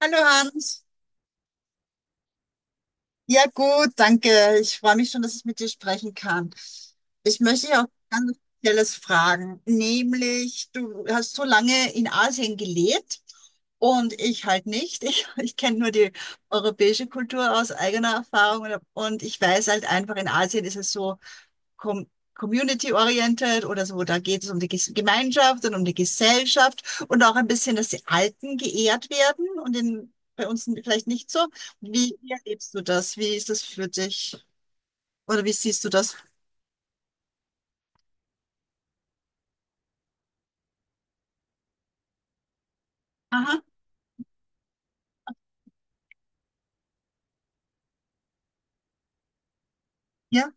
Hallo Hans. Ja gut, danke. Ich freue mich schon, dass ich mit dir sprechen kann. Ich möchte dich auch ganz spezielles fragen, nämlich du hast so lange in Asien gelebt und ich halt nicht. Ich kenne nur die europäische Kultur aus eigener Erfahrung und ich weiß halt einfach, in Asien ist es so, com community-oriented oder so, da geht es um die Gemeinschaft und um die Gesellschaft und auch ein bisschen, dass die Alten geehrt werden und in, bei uns vielleicht nicht so. Wie erlebst du das? Wie ist das für dich? Oder wie siehst du das? Aha, ja.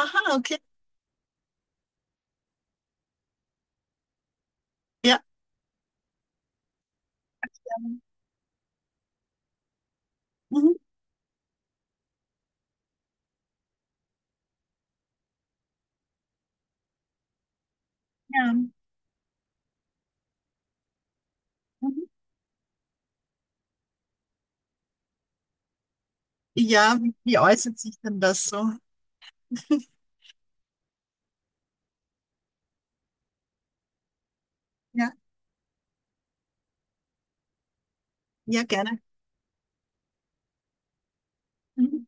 Aha, okay. Ja. Ja. Mhm. Ja. Mhm. Ja, wie äußert sich denn das so? Ja, ja, gerne. Mhm.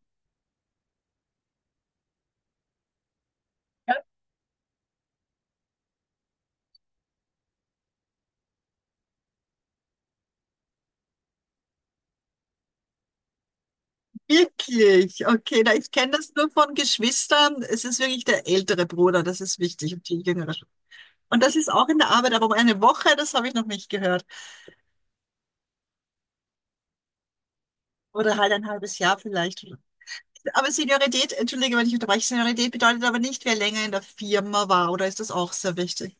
Wirklich? Okay, na, ich kenne das nur von Geschwistern. Es ist wirklich der ältere Bruder, das ist wichtig und die jüngere. Und das ist auch in der Arbeit, aber um eine Woche, das habe ich noch nicht gehört. Oder halt ein halbes Jahr vielleicht. Aber Seniorität, entschuldige, wenn ich unterbreche, Seniorität bedeutet aber nicht, wer länger in der Firma war, oder ist das auch sehr wichtig?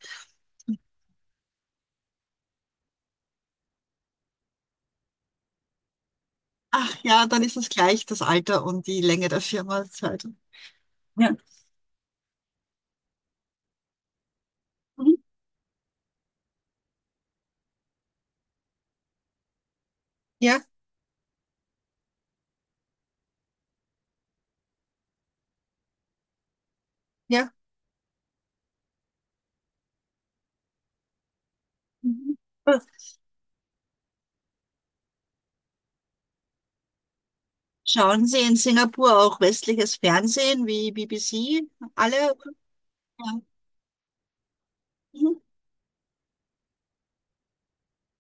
Ach ja, dann ist es gleich das Alter und die Länge der Firmenzeit. Ja, mhm. Ja, ja. Mhm. Schauen Sie in Singapur auch westliches Fernsehen wie BBC? Alle? Ja, mhm.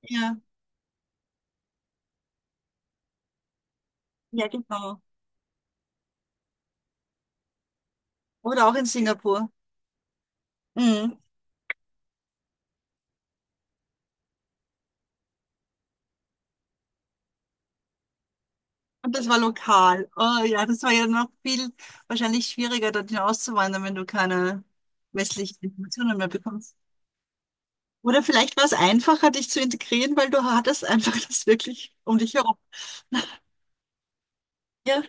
Ja, ja, genau. Oder auch in Singapur. Mhm. Und das war lokal. Oh ja, das war ja noch viel wahrscheinlich schwieriger, dorthin auszuwandern, wenn du keine westlichen Informationen mehr bekommst. Oder vielleicht war es einfacher, dich zu integrieren, weil du hattest einfach das wirklich um dich herum. Ja,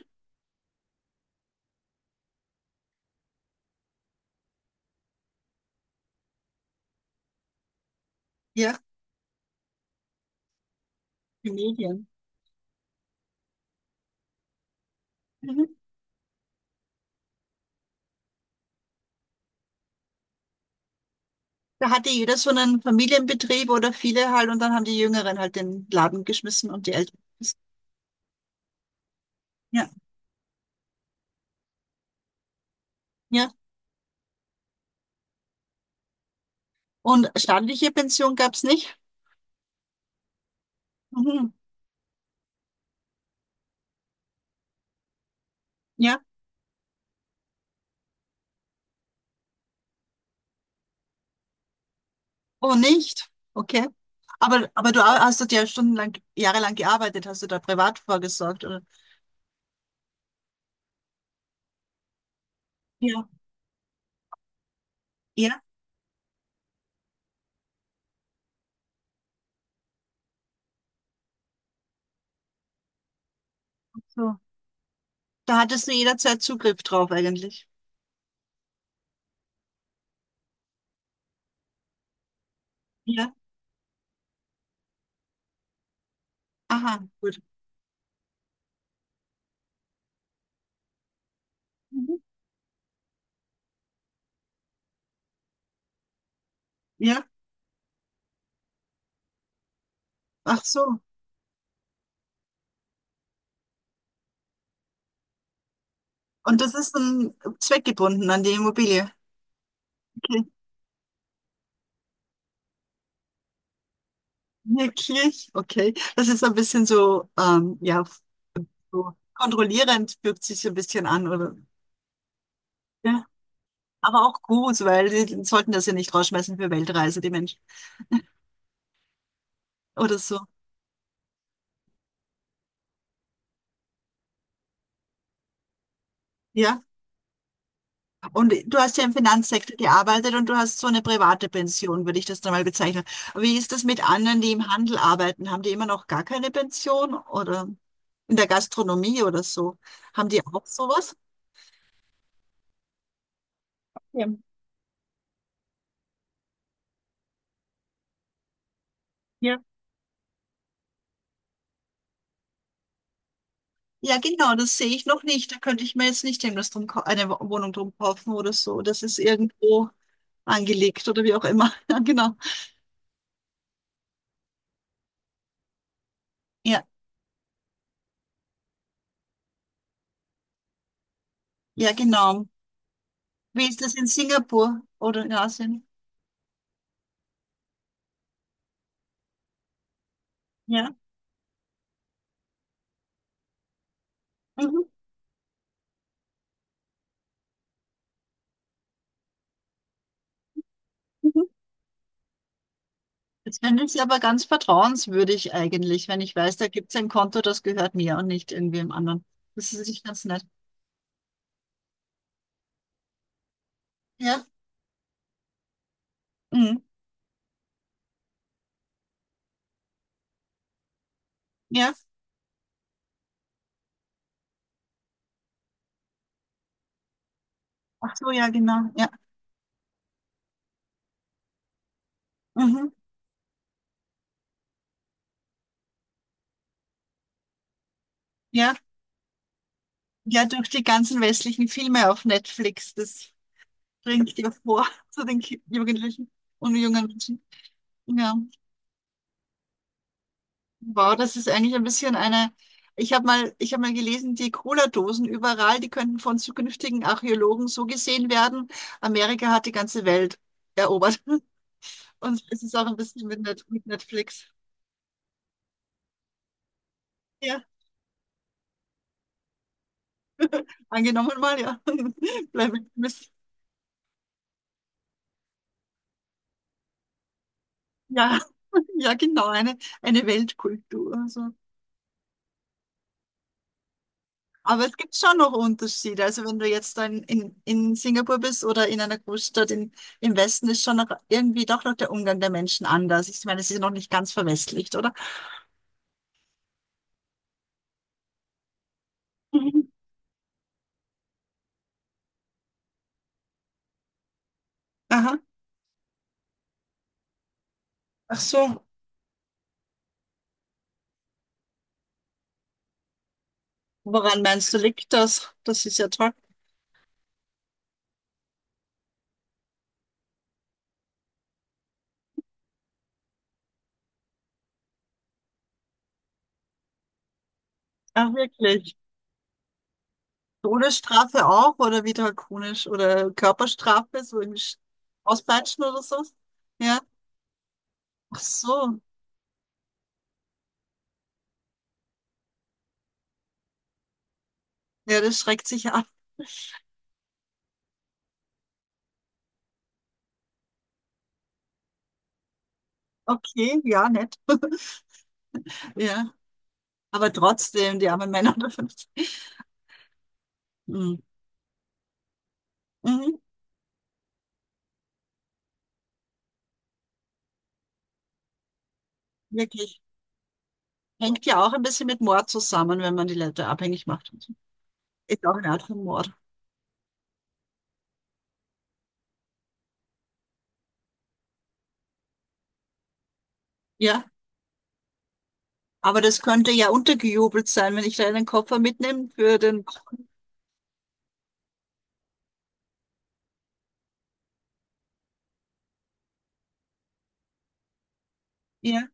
ja, die Medien. Mhm. Da hatte jeder so einen Familienbetrieb oder viele halt und dann haben die Jüngeren halt den Laden geschmissen und die Älteren. Ja, ja. Und staatliche Pension gab es nicht? Mhm. Ja, oh nicht. Okay. Aber du hast dort ja stundenlang, jahrelang gearbeitet, hast du da privat vorgesorgt, oder? Ja. Ja, ach so. Da hattest du jederzeit Zugriff drauf eigentlich. Ja. Aha, gut. Mhm. Ja, ach so. Und das ist dann zweckgebunden an die Immobilie. Okay. Wirklich? Okay. Das ist so ein bisschen so, ja, so kontrollierend fühlt sich so ein bisschen an, oder? Ja. Aber auch gut, weil die sollten das ja nicht rausschmeißen für Weltreise, die Menschen. Oder so. Ja. Und du hast ja im Finanzsektor gearbeitet und du hast so eine private Pension, würde ich das dann mal bezeichnen. Wie ist das mit anderen, die im Handel arbeiten? Haben die immer noch gar keine Pension oder in der Gastronomie oder so? Haben die auch sowas? Ja. Ja. Ja, genau, das sehe ich noch nicht. Da könnte ich mir jetzt nicht irgendwas drum, kau- eine Wo- Wohnung drum kaufen oder so. Das ist irgendwo angelegt oder wie auch immer. Ja, genau. Ja, ja, genau. Wie ist das in Singapur oder in Asien? Ja. Mhm. Mhm. Das finde ich aber ganz vertrauenswürdig eigentlich, wenn ich weiß, da gibt es ein Konto, das gehört mir und nicht irgendwem anderen. Das ist nicht ganz nett. Ja, mhm. Ja. Ach so, ja, genau. Ja. Mhm. Ja. Ja, durch die ganzen westlichen Filme auf Netflix, das bringt ja vor zu den Ki- Jugendlichen und jungen Menschen. Ja. Wow, das ist eigentlich ein bisschen eine. Ich habe mal gelesen, die Cola-Dosen überall, die könnten von zukünftigen Archäologen so gesehen werden. Amerika hat die ganze Welt erobert. Und es ist auch ein bisschen mit, Net mit Netflix. Ja, angenommen mal, ja. Bleiben müssen. Ja, ja, genau, eine Weltkultur. Also. Aber es gibt schon noch Unterschiede. Also wenn du jetzt dann in Singapur bist oder in einer Großstadt in, im Westen, ist schon noch irgendwie doch noch der Umgang der Menschen anders. Ich meine, es ist ja noch nicht ganz verwestlicht, oder? Mhm. Aha. Ach so. Woran meinst du, liegt das? Das ist ja toll. Ach, wirklich. Todesstrafe auch oder wie drakonisch oder Körperstrafe, so irgendwie Sch- auspeitschen oder so. Ja, ach so. Ja, das schreckt sich ab. Okay, ja, nett. Ja, aber trotzdem, die armen Männer dürfen das. Mhm. Mhm. Wirklich. Hängt ja auch ein bisschen mit Mord zusammen, wenn man die Leute abhängig macht. Und so. Ist auch eine Art von Mord. Ja, aber das könnte ja untergejubelt sein, wenn ich da einen Koffer mitnehme für den. Ja,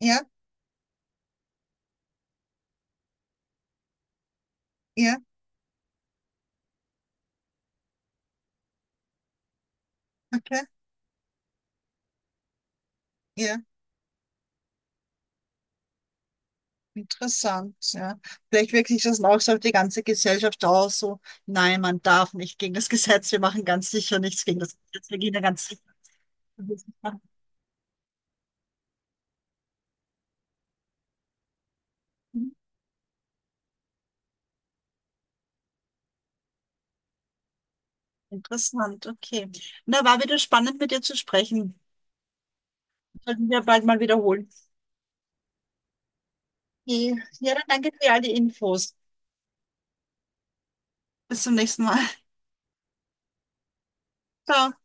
ja, ja, okay. Ja. Interessant, ja. Vielleicht wirkt sich das dann auch so auf die ganze Gesellschaft aus, so, nein, man darf nicht gegen das Gesetz, wir machen ganz sicher nichts gegen das Gesetz, wir gehen da ganz sicher. Hm, interessant, okay. Na, war wieder spannend mit dir zu sprechen. Sollten wir bald mal wiederholen. Okay. Ja, dann danke für all die Infos. Bis zum nächsten Mal. Ciao.